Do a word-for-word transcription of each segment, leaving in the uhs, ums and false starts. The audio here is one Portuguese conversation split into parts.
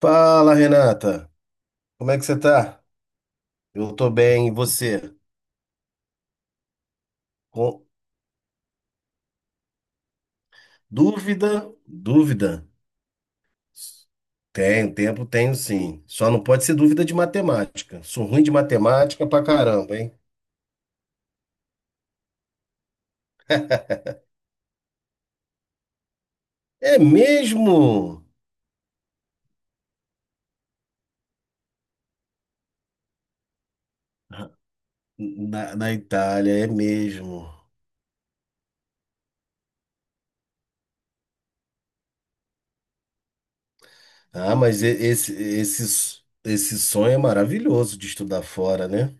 Fala, Renata. Como é que você tá? Eu tô bem, e você? Com dúvida? Dúvida? Tenho, tempo tenho sim. Só não pode ser dúvida de matemática. Sou ruim de matemática pra caramba, hein? É mesmo? Na, na Itália, é mesmo. Ah, mas e- esse, esse, esse sonho é maravilhoso de estudar fora, né?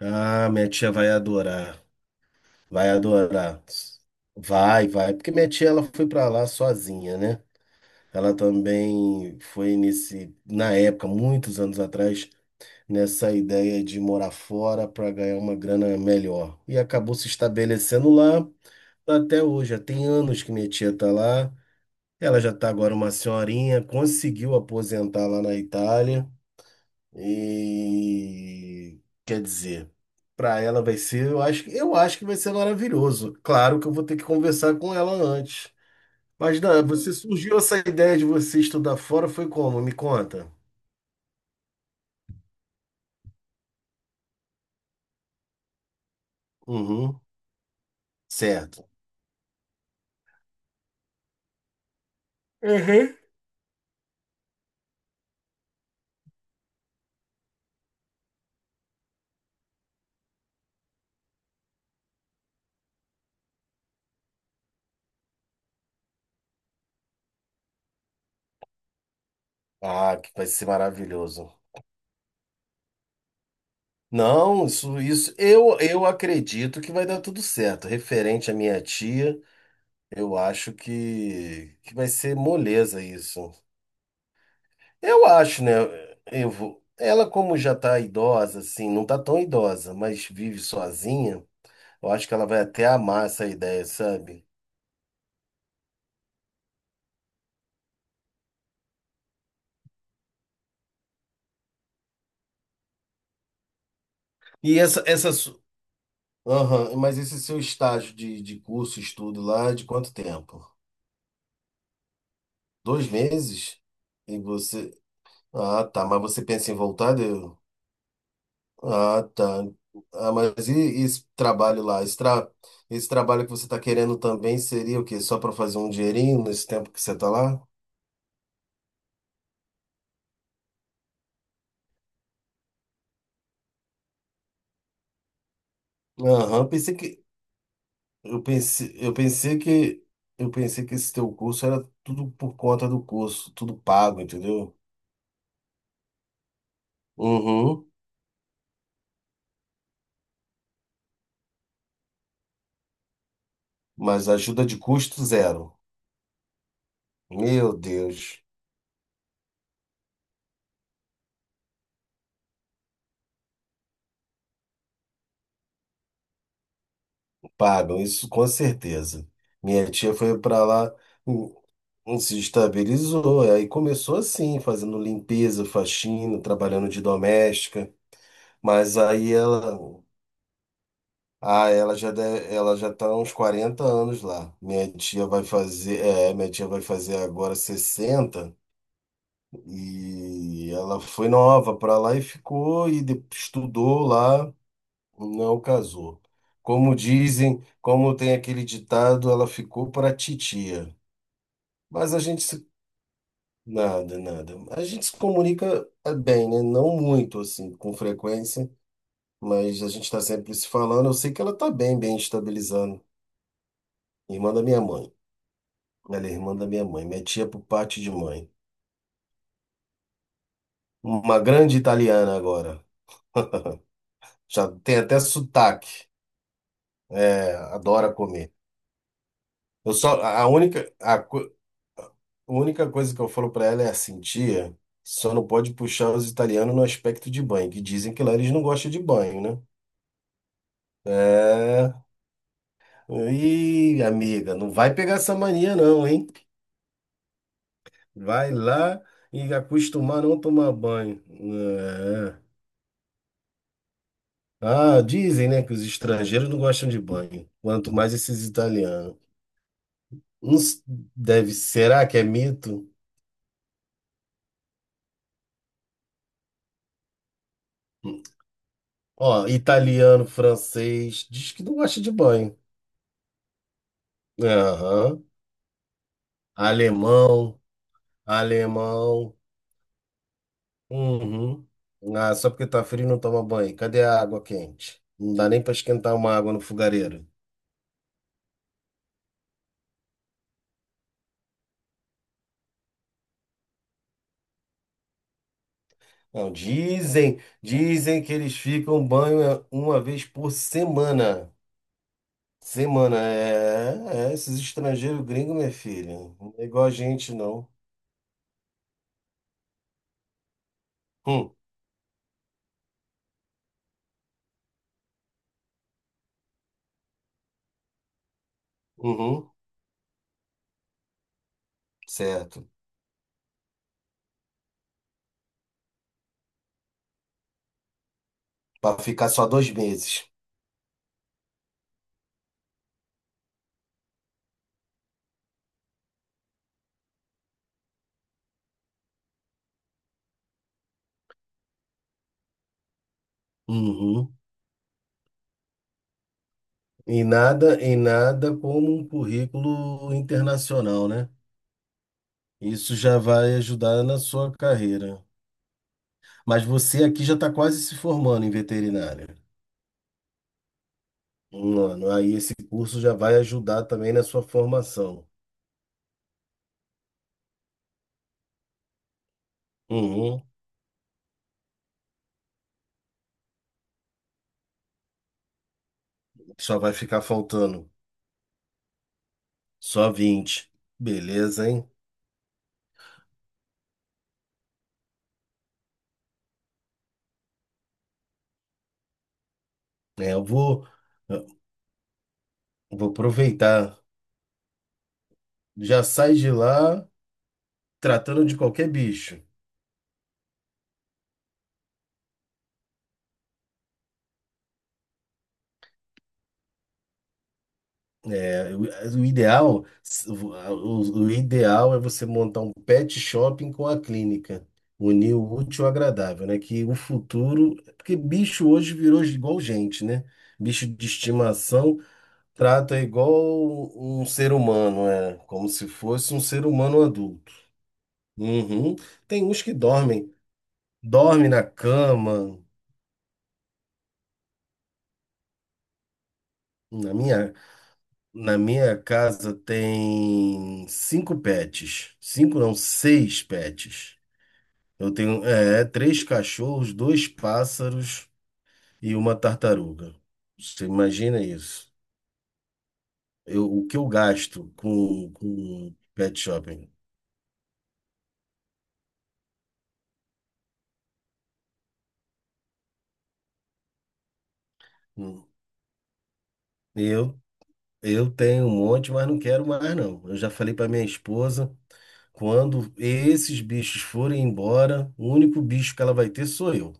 Ah, minha tia vai adorar. Vai adorar. Vai, vai. Porque minha tia, ela foi pra lá sozinha, né? Ela também foi nesse, na época, muitos anos atrás, nessa ideia de morar fora para ganhar uma grana melhor. E acabou se estabelecendo lá até hoje. Já tem anos que minha tia está lá. Ela já está agora uma senhorinha, conseguiu aposentar lá na Itália. E quer dizer, para ela vai ser, eu acho, eu acho que vai ser maravilhoso. Claro que eu vou ter que conversar com ela antes. Mas não, você surgiu essa ideia de você estudar fora, foi como? Me conta. Uhum, certo. Uhum. Ah, que vai ser maravilhoso. Não, isso, isso, eu, eu acredito que vai dar tudo certo. Referente à minha tia, eu acho que, que vai ser moleza isso. Eu acho, né? Eu vou, ela, como já tá idosa, assim, não tá tão idosa, mas vive sozinha, eu acho que ela vai até amar essa ideia, sabe? E essa, essa, Aham, mas esse seu estágio de, de curso, estudo lá, é de quanto tempo? Dois meses? E você. Ah, tá. Mas você pensa em voltar, deu? Ah, tá. Ah, mas e, e esse trabalho lá? Esse, tra... esse trabalho que você está querendo também seria o quê? Só para fazer um dinheirinho nesse tempo que você está lá? Aham, pensei que. Eu pensei, eu pensei que. Eu pensei que esse teu curso era tudo por conta do curso, tudo pago, entendeu? Uhum. Mas ajuda de custo zero. Meu Deus, pagam isso com certeza. Minha tia foi para lá, hum, hum, se estabilizou, aí começou assim, fazendo limpeza, faxina, trabalhando de doméstica, mas aí ela, ah, ela já deve- ela já tá há uns quarenta anos lá. Minha tia vai fazer, é, minha tia vai fazer agora sessenta e ela foi nova para lá e ficou e de- estudou lá. Não casou. Como dizem, como tem aquele ditado, ela ficou para titia. Mas a gente se... Nada, nada. A gente se comunica eh, bem, né? Não muito, assim, com frequência, mas a gente está sempre se falando. Eu sei que ela está bem, bem estabilizando. Irmã da minha mãe. Ela é irmã da minha mãe. Minha tia por parte de mãe. Uma grande italiana agora. Já tem até sotaque. É, adora comer. Eu só... A única, a única... A única coisa que eu falo pra ela é assim: tia, só não pode puxar os italianos no aspecto de banho, que dizem que lá eles não gostam de banho, né? É. Ih, amiga, não vai pegar essa mania não, hein? Vai lá e acostumar a não tomar banho. É. Ah, dizem, né, que os estrangeiros não gostam de banho, quanto mais esses italianos. Não s- Deve, será que é mito? Ó, italiano, francês, diz que não gosta de banho. Aham. Alemão, alemão. Uhum. Ah, só porque tá frio não toma banho. Cadê a água quente? Não dá nem para esquentar uma água no fogareiro. Não, dizem, dizem que eles ficam banho uma vez por semana. Semana, é, é, esses estrangeiros gringos, minha filha. Não é igual a gente, não. Hum, uhum, certo. Para ficar só dois meses. Uhum. E nada, e nada como um currículo internacional, né? Isso já vai ajudar na sua carreira. Mas você aqui já está quase se formando em veterinária. Um ano. Aí esse curso já vai ajudar também na sua formação. Uhum. Só vai ficar faltando só vinte. Beleza, hein? É, eu vou, eu vou aproveitar. Já sai de lá tratando de qualquer bicho. É, o o ideal, o, o ideal é você montar um pet shopping com a clínica, unir o útil ao agradável, né? Que o futuro, porque bicho hoje virou igual gente, né? Bicho de estimação trata igual um ser humano, é, como se fosse um ser humano adulto. Uhum. Tem uns que dormem, dorme na cama. Na minha, na minha casa tem cinco pets, cinco não, seis pets. Eu tenho, é, três cachorros, dois pássaros e uma tartaruga. Você imagina isso? Eu, o que eu gasto com, com pet shopping? Hum. Eu, eu tenho um monte, mas não quero mais, não. Eu já falei para minha esposa, quando esses bichos forem embora, o único bicho que ela vai ter sou eu.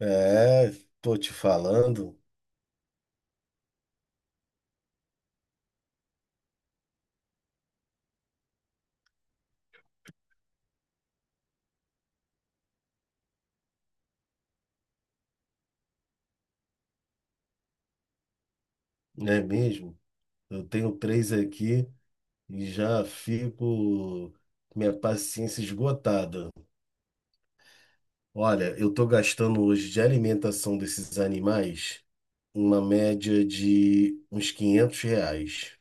É, tô te falando, é mesmo? Eu tenho três aqui e já fico com minha paciência esgotada. Olha, eu tô gastando hoje de alimentação desses animais uma média de uns quinhentos reais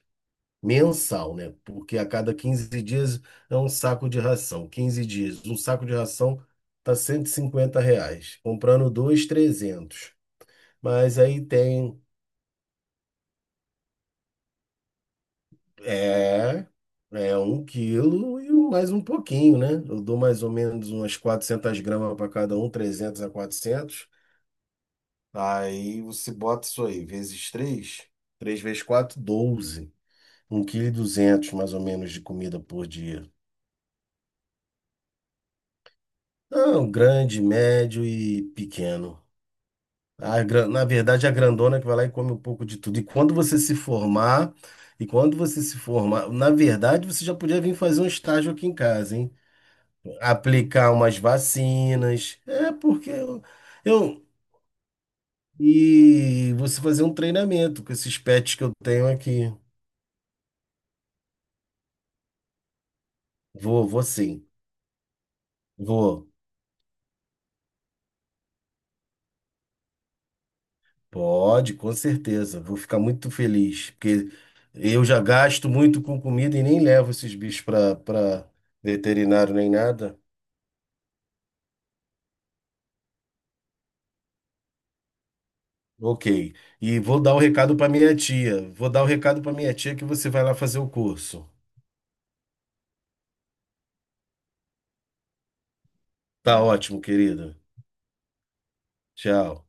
mensal, né? Porque a cada quinze dias é um saco de ração. Quinze dias, um saco de ração tá cento e cinquenta reais. Comprando dois, trezentos. Mas aí tem, é, é um quilo e um- mais um pouquinho, né? Eu dou mais ou menos umas quatrocentas gramas para cada um, trezentos a quatrocentos. Aí você bota isso aí, vezes três três vezes quatro, doze. um vírgula dois kg mais ou menos de comida por dia. Não, grande, médio e pequeno. A, gran- na verdade, a grandona é que vai lá e come um pouco de tudo. E quando você se formar, e quando você se formar, na verdade, você já podia vir fazer um estágio aqui em casa, hein? Aplicar umas vacinas. É porque eu, eu e você fazer um treinamento com esses pets que eu tenho aqui. Vou, vou sim. Vou, pode, com certeza. Vou ficar muito feliz, porque eu já gasto muito com comida e nem levo esses bichos para para veterinário nem nada. Ok. E vou dar o recado para minha tia. Vou dar o recado para minha tia que você vai lá fazer o curso. Tá ótimo, querido. Tchau.